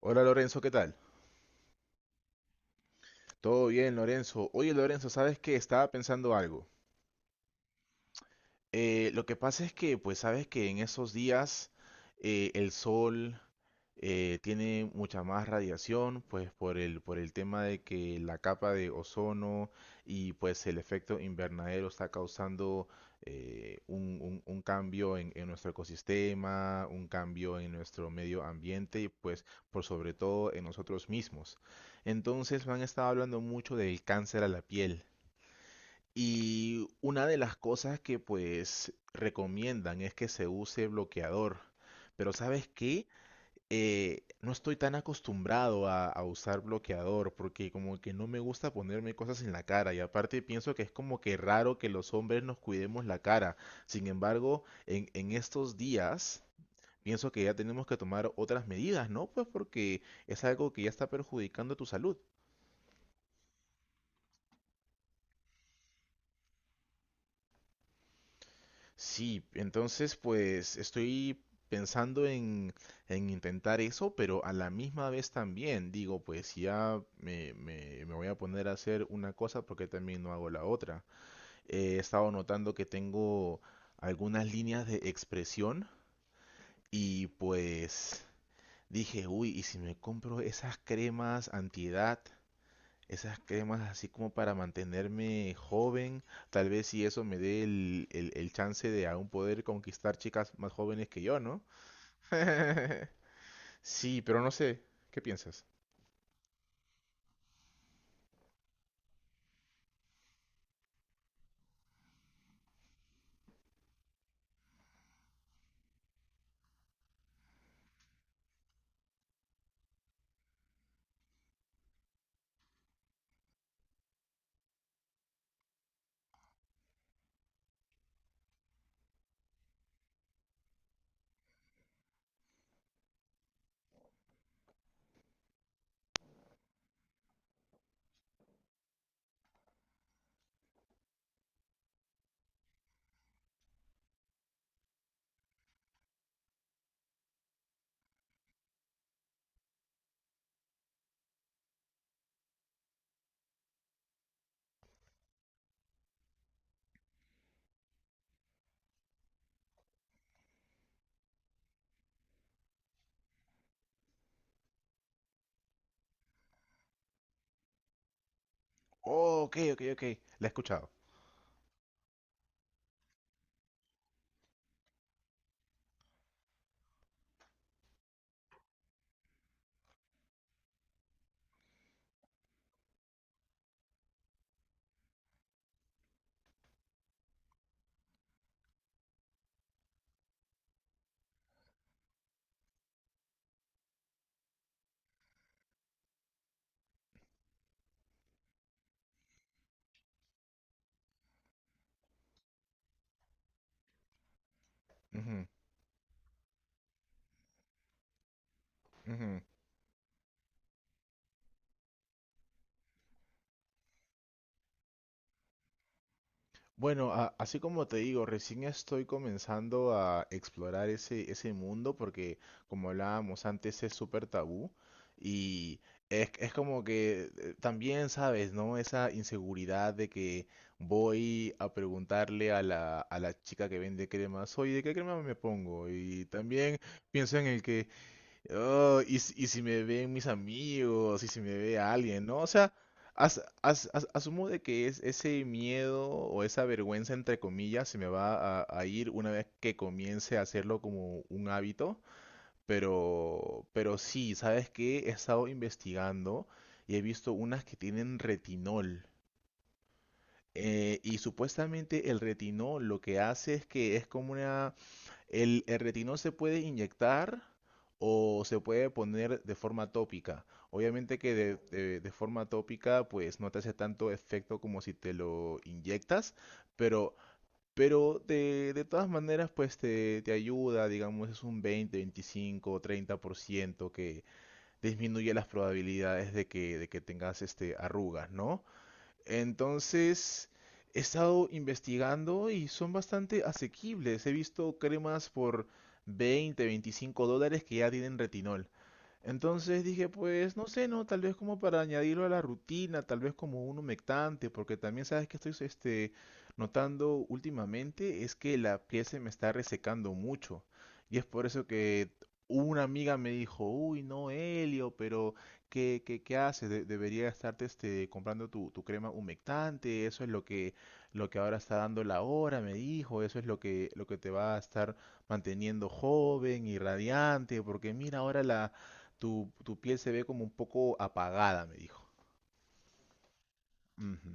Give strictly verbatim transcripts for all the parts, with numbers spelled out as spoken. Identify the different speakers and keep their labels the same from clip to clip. Speaker 1: Hola Lorenzo, ¿qué tal? Todo bien, Lorenzo. Oye, Lorenzo, ¿sabes qué? Estaba pensando algo. Eh, lo que pasa es que, pues, sabes que en esos días eh, el sol eh, tiene mucha más radiación, pues por el, por el tema de que la capa de ozono y pues el efecto invernadero está causando eh, un, un- un cambio en, en nuestro ecosistema, un cambio en nuestro medio ambiente y pues por sobre todo en nosotros mismos. Entonces me han estado hablando mucho del cáncer a la piel. Y una de las cosas que pues recomiendan es que se use bloqueador. Pero ¿sabes qué? Eh, no estoy tan acostumbrado a, a usar bloqueador porque como que no me gusta ponerme cosas en la cara y aparte pienso que es como que raro que los hombres nos cuidemos la cara. Sin embargo, en, en estos días pienso que ya tenemos que tomar otras medidas, ¿no? Pues porque es algo que ya está perjudicando tu salud. Sí, entonces pues estoy pensando en, en intentar eso, pero a la misma vez también digo, pues si ya me, me- me voy a poner a hacer una cosa, porque también no hago la otra? He estado notando que tengo algunas líneas de expresión y pues dije, uy, ¿y si me compro esas cremas antiedad? Esas cremas así como para mantenerme joven, tal vez si eso me dé el, el- el chance de aún poder conquistar chicas más jóvenes que yo, ¿no? Sí, pero no sé, ¿qué piensas? Oh, ok, ok, ok, la he escuchado. Ujú, ujú. Bueno, a- así como te digo, recién estoy comenzando a explorar ese, ese mundo porque, como hablábamos antes, es súper tabú y es, es como que eh, también, ¿sabes, no? Esa inseguridad de que voy a preguntarle a la, a la chica que vende cremas, oye, ¿de qué crema me pongo? Y también pienso en el que, oh, y, si y si me ven mis amigos, y si me ve alguien, ¿no? O sea, as- as- as- asumo de que es ese miedo o esa vergüenza, entre comillas, se me va a, a ir una vez que comience a hacerlo como un hábito, pero, pero sí, ¿sabes qué? He estado investigando y he visto unas que tienen retinol. Eh, y supuestamente el retinol lo que hace es que es como una el, el retinol se puede inyectar o se puede poner de forma tópica. Obviamente que de, de- de forma tópica pues no te hace tanto efecto como si te lo inyectas, pero, pero de, de todas maneras pues te, te ayuda, digamos es un veinte, veinticinco, treinta por ciento que disminuye las probabilidades de que, de que tengas este, arrugas, ¿no? Entonces, he estado investigando y son bastante asequibles. He visto cremas por veinte, veinticinco dólares que ya tienen retinol. Entonces dije, pues no sé, no, tal vez como para añadirlo a la rutina, tal vez como un humectante, porque también sabes que estoy este, notando últimamente es que la piel se me está resecando mucho. Y es por eso que una amiga me dijo, uy, no, Helio, pero ¿qué, qué, qué haces? De- debería estarte este, comprando tu, tu crema humectante, eso es lo que, lo que ahora está dando la hora, me dijo, eso es lo que, lo que te va a estar manteniendo joven y radiante, porque mira ahora la tu, tu piel se ve como un poco apagada, me dijo. Ujú.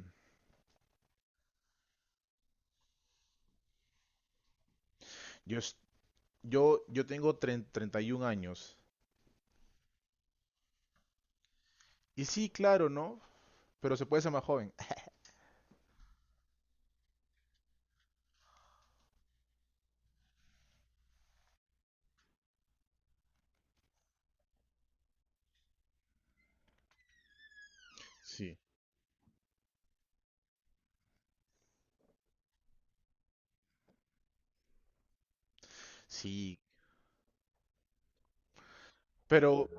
Speaker 1: Yo, es- yo, yo tengo tre- treinta y treinta y uno años. Y sí, claro, ¿no? Pero se puede ser más joven. Sí, sí. Pero,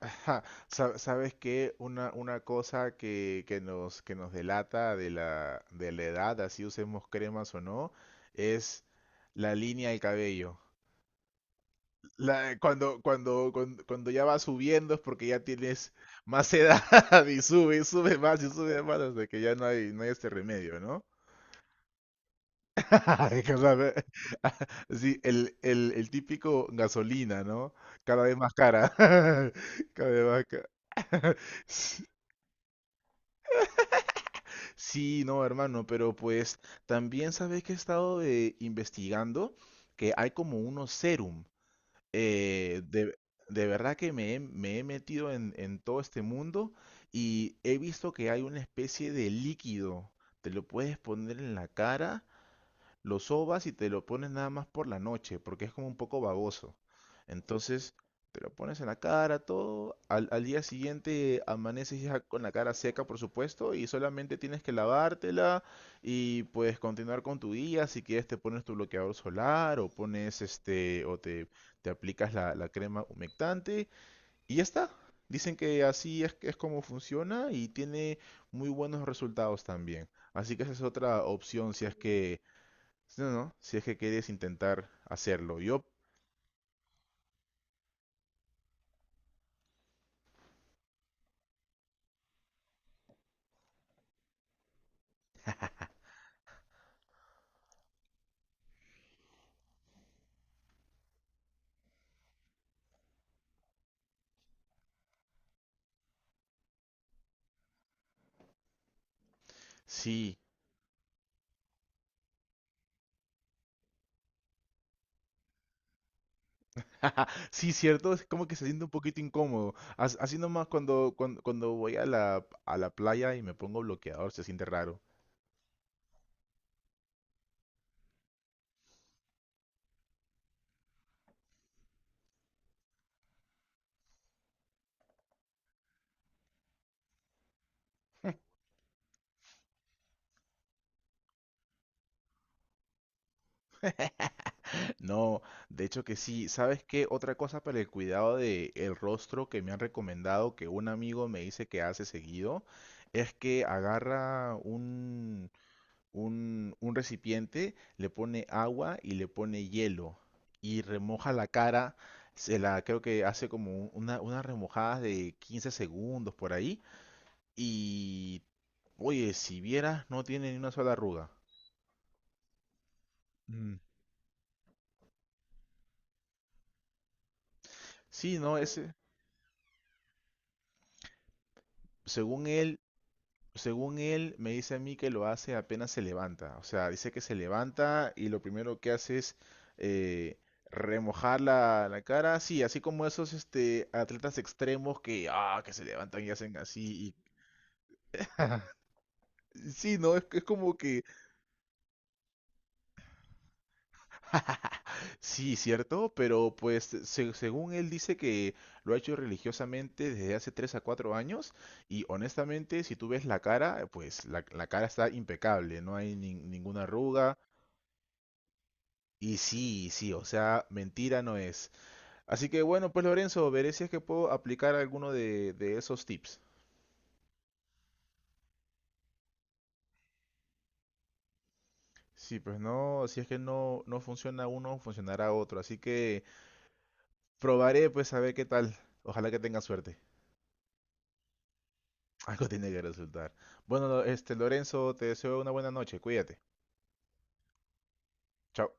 Speaker 1: ajá, sa- ¿sabes qué? Una, una cosa que, que nos, que nos delata de la, de la edad, así usemos cremas o no, es la línea del cabello. La- cuando, cuando, cuando, cuando ya vas subiendo es porque ya tienes más edad y sube, y sube más y sube más hasta que ya no hay, no hay este remedio, ¿no? Es que, o sea, ve- sí, el, el, el típico gasolina, ¿no? Cada vez más cara. Cada vez más cara. Sí, no, hermano, pero pues también sabes que he estado eh, investigando que hay como unos serum eh, de, de verdad que me he, me he metido en, en todo este mundo y he visto que hay una especie de líquido, te lo puedes poner en la cara lo sobas y te lo pones nada más por la noche, porque es como un poco baboso. Entonces, te lo pones en la cara, todo. Al, al día siguiente amaneces ya con la cara seca, por supuesto, y solamente tienes que lavártela y puedes continuar con tu día. Si quieres, te pones tu bloqueador solar o pones este, o te, te aplicas la, la crema humectante y ya está. Dicen que así es, es como funciona y tiene muy buenos resultados también. Así que esa es otra opción si es que sí, no, no, si es que quieres intentar hacerlo. Yo, sí. Sí, cierto, es como que se siente un poquito incómodo. As- Así nomás cuando, cuando, cuando voy a la, a la playa y me pongo bloqueador, se siente raro. No, de hecho que sí. ¿Sabes qué? Otra cosa para el cuidado de el rostro que me han recomendado, que un amigo me dice que hace seguido, es que agarra un, un recipiente, le pone agua y le pone hielo y remoja la cara, se la creo que hace como un- una, unas remojadas de quince segundos por ahí y oye, si vieras no tiene ni una sola arruga. Mm. Sí, no, mm, ese según él según él, me dice a mí que lo hace apenas se levanta. O sea, dice que se levanta y lo primero que hace es eh, remojar la, la cara. Sí, así como esos este, atletas extremos que, ah, que se levantan y hacen así. Y, sí, ¿no? Es, es como que... Sí, cierto, pero pues se- según él dice que lo ha hecho religiosamente desde hace tres a cuatro años y honestamente si tú ves la cara, pues la, la cara está impecable, no hay nin- ninguna arruga. Y sí, sí, o sea, mentira no es. Así que bueno, pues Lorenzo, veré si es que puedo aplicar alguno de, de esos tips. Sí, pues no, si es que no, no funciona uno, funcionará otro. Así que probaré, pues a ver qué tal. Ojalá que tenga suerte. Algo tiene que resultar. Bueno, este Lorenzo, te deseo una buena noche. Cuídate. Chao.